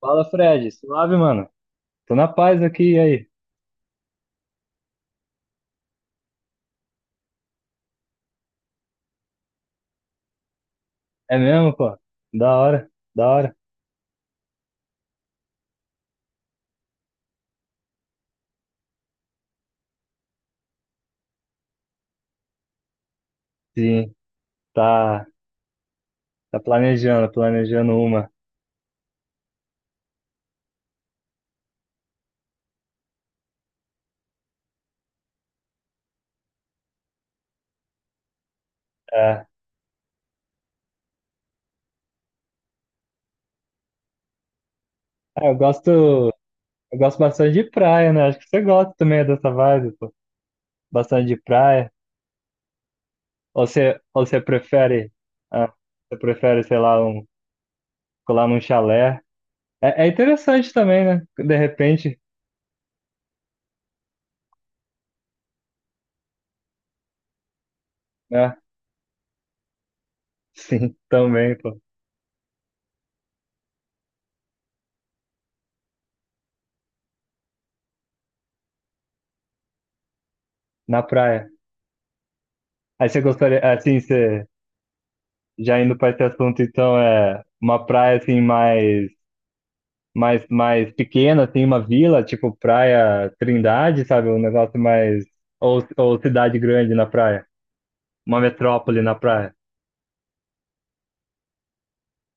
Fala, Fred. Suave, mano. Tô na paz aqui, e aí? É mesmo, pô? Da hora, da hora. Sim, tá, tá, planejando uma. É. Ah, eu gosto bastante de praia, né? Acho que você gosta também dessa vibe, pô. Bastante de praia. Ou você prefere, ah, você prefere, sei lá, um, colar num chalé. É, é interessante também, né? De repente, né? Sim, também, pô. Na praia. Aí você gostaria, assim, você já indo para esse assunto, então, é uma praia assim mais, mais pequena, assim, uma vila, tipo Praia Trindade, sabe? Um negócio mais. Ou cidade grande na praia, uma metrópole na praia.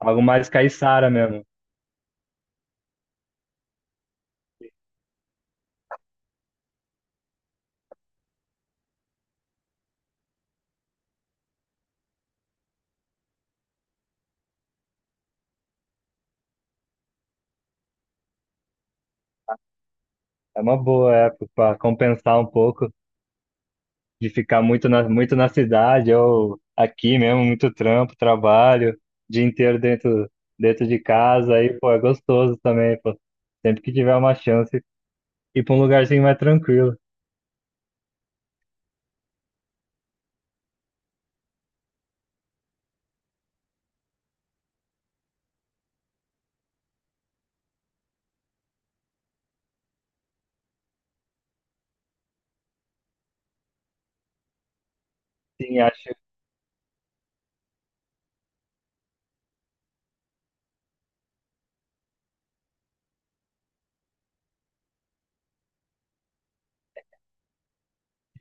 Algo mais caiçara mesmo. É uma boa época para compensar um pouco de ficar muito na, muito na cidade ou aqui mesmo, muito trampo, trabalho, dia inteiro dentro, dentro de casa. Aí, pô, é gostoso também, pô. Sempre que tiver uma chance, ir para um lugarzinho mais tranquilo. Sim, acho que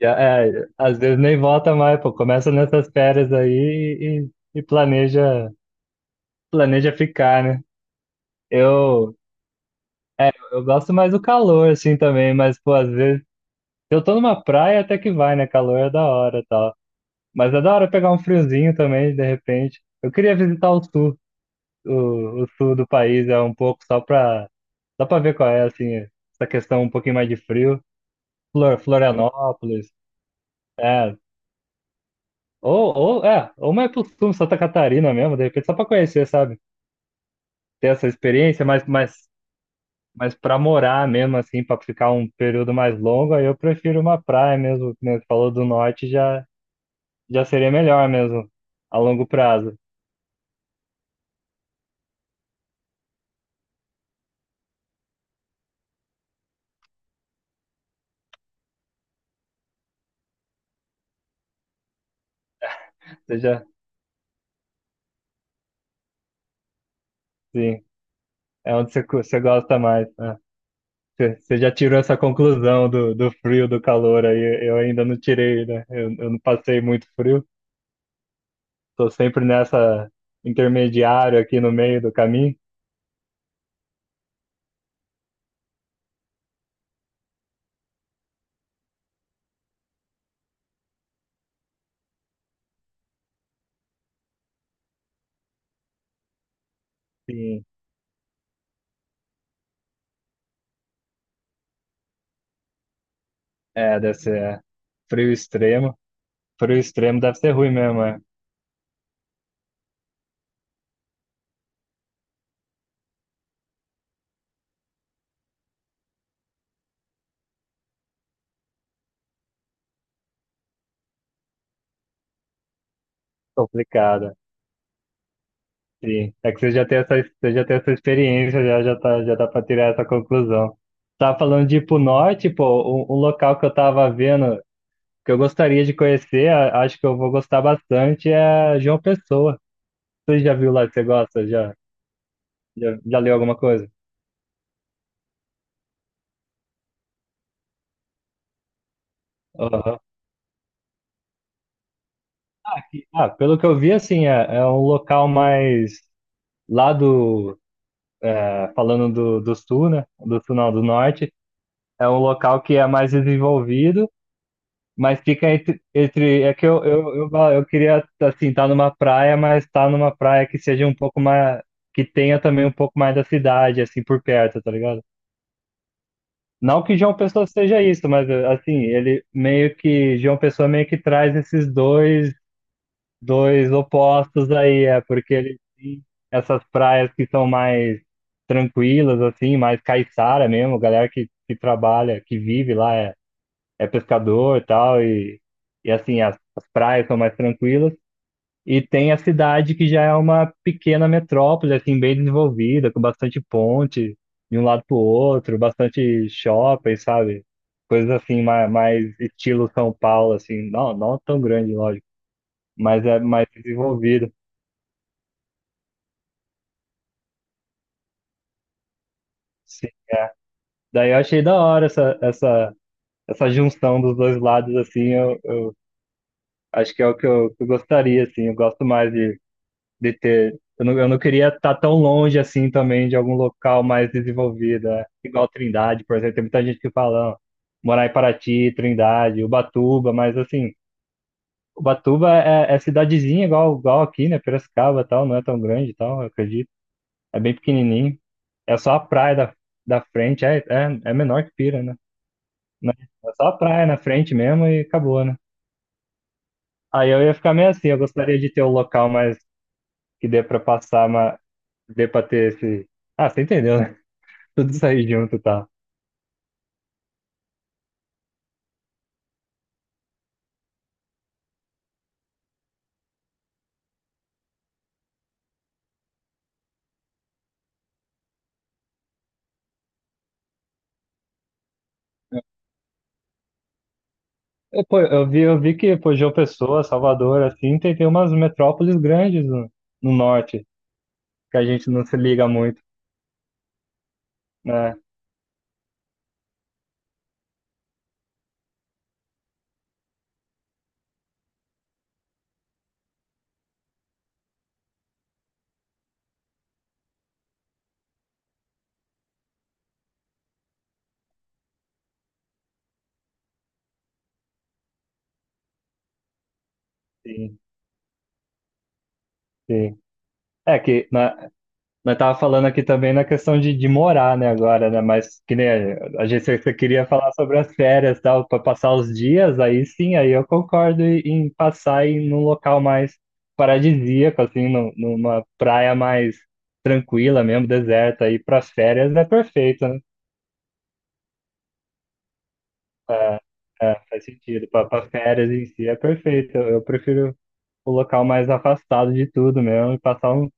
já- é, às vezes nem volta mais, pô. Começa nessas férias aí e planeja, planeja ficar, né? Eu, é, eu gosto mais do calor, assim, também, mas, pô, às vezes, se eu tô numa praia até que vai, né? Calor é da hora e tal. Mas é da hora pegar um friozinho também, de repente. Eu queria visitar o sul do país, é um pouco só pra ver qual é, assim, essa questão um pouquinho mais de frio. Flor, Florianópolis, é. Ou, ou, é, ou mais pro sul, Santa Catarina mesmo, de repente, só pra conhecer, sabe? Ter essa experiência, mas pra morar mesmo, assim, pra ficar um período mais longo, aí eu prefiro uma praia mesmo, como você falou do norte, já, já seria melhor mesmo, a longo prazo. Você já, sim, é onde você, cu- você gosta mais, né? Você já tirou essa conclusão do, do frio, do calor, aí eu ainda não tirei, né? Eu não passei muito frio, tô sempre nessa intermediário aqui no meio do caminho. Sim. É, deve ser é. Frio extremo. Frio extremo deve ser ruim mesmo, é complicado. Sim. É que você já tem essa, você já tem essa experiência, já, já tá, já dá pra tirar essa conclusão. Tava falando de ir pro norte, pô, um local que eu tava vendo, que eu gostaria de conhecer, a- acho que eu vou gostar bastante, é João Pessoa. Você já viu lá, você gosta? Já, já, já leu alguma coisa? Aham. Ah, pelo que eu vi, assim, é, é um local mais lá do é, falando do, do sul, né? Do sul, não, do norte, é um local que é mais desenvolvido, mas fica entre, entre é que eu, eu queria, assim, estar numa praia, mas estar numa praia que seja um pouco mais, que tenha também um pouco mais da cidade, assim, por perto, tá ligado? Não que João Pessoa seja isso, mas assim, ele meio que, João Pessoa meio que traz esses dois dois opostos aí, é, porque eles têm essas praias que são mais tranquilas, assim, mais caiçara mesmo, galera que trabalha, que vive lá, é, é pescador e tal, e assim, as praias são mais tranquilas. E tem a cidade que já é uma pequena metrópole, assim, bem desenvolvida, com bastante ponte de um lado para o outro, bastante shopping, sabe? Coisas assim, mais, mais estilo São Paulo, assim, não, não tão grande, lógico, mas é mais desenvolvida. Sim. Daí eu achei da hora essa, essa, essa junção dos dois lados, assim, eu acho que é o que eu gostaria, assim, eu gosto mais de ter, eu não queria estar tão longe, assim, também, de algum local mais desenvolvido, né? Igual Trindade, por exemplo, tem muita gente que fala, "Não, morar em Paraty, Trindade, Ubatuba, mas, assim, Ubatuba é, é cidadezinha igual, igual aqui, né, Piracicaba e tal, não é tão grande e tal, eu acredito, é bem pequenininho, é só a praia da, da frente, é, é, é menor que Pira, né? Né? É só a praia na frente mesmo e acabou, né? Aí eu ia ficar meio assim, eu gostaria de ter um local mais que dê pra passar, mas dê pra ter esse. Ah, você entendeu, né? Tudo sair junto e tal. Eu, pô, eu vi que, pô, João Pessoa, Salvador, assim, tem, tem umas metrópoles grandes no, no norte, que a gente não se liga muito, né? Sim, sim. É que né, nós tava falando aqui também na questão de morar, né, agora, né? Mas que nem a, a gente você- você queria falar sobre as férias, tal, para passar os dias, aí sim, aí eu concordo em, em passar em num local mais paradisíaco, assim, num- numa praia mais tranquila mesmo, deserta, aí para férias é perfeito, né? É, faz sentido. Para férias em si é perfeito. Eu prefiro o local mais afastado de tudo mesmo e passar um,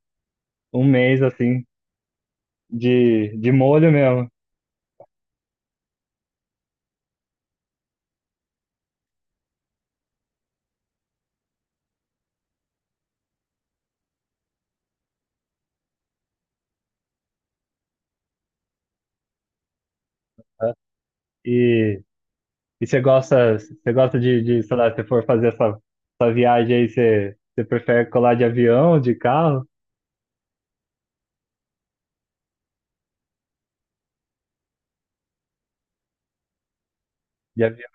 um mês assim de molho mesmo. Né? E e você gosta de, sei lá, se for fazer essa, essa viagem aí, você, você prefere colar de avião, de carro? De avião,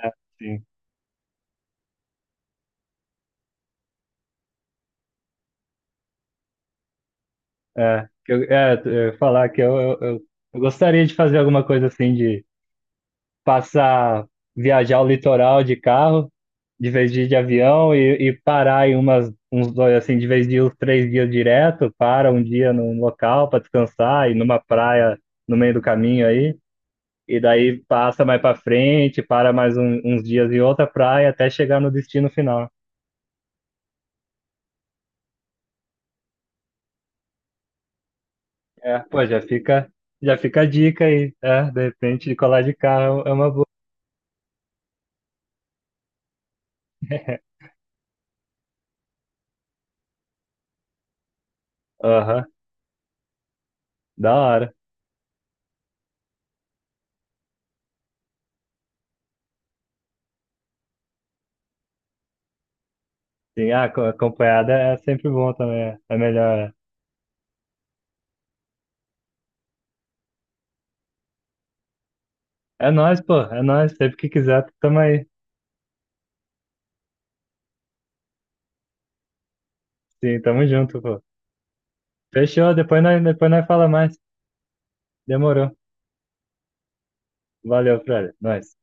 é, sim. É, que eu, é, eu ia falar que eu gostaria de fazer alguma coisa assim, de passar, viajar o litoral de carro, de vez de ir de avião, e parar em umas, uns dois, assim, de vez de ir uns três dias direto, para um dia num local para descansar, e numa praia no meio do caminho aí. E daí passa mais pra frente, para mais um- uns dias em outra praia até chegar no destino final. É, pô, já fica a dica aí. É, de repente, de colar de carro é uma boa. Aham, da hora. Sim, ah, co- acompanhada é sempre bom também. É é melhor. É é nóis, pô, é nóis. Sempre que quiser, tamo aí. Sim, tamo junto, pô. Fechou, depois nós fala mais. Demorou. Valeu, Fred. Nóis.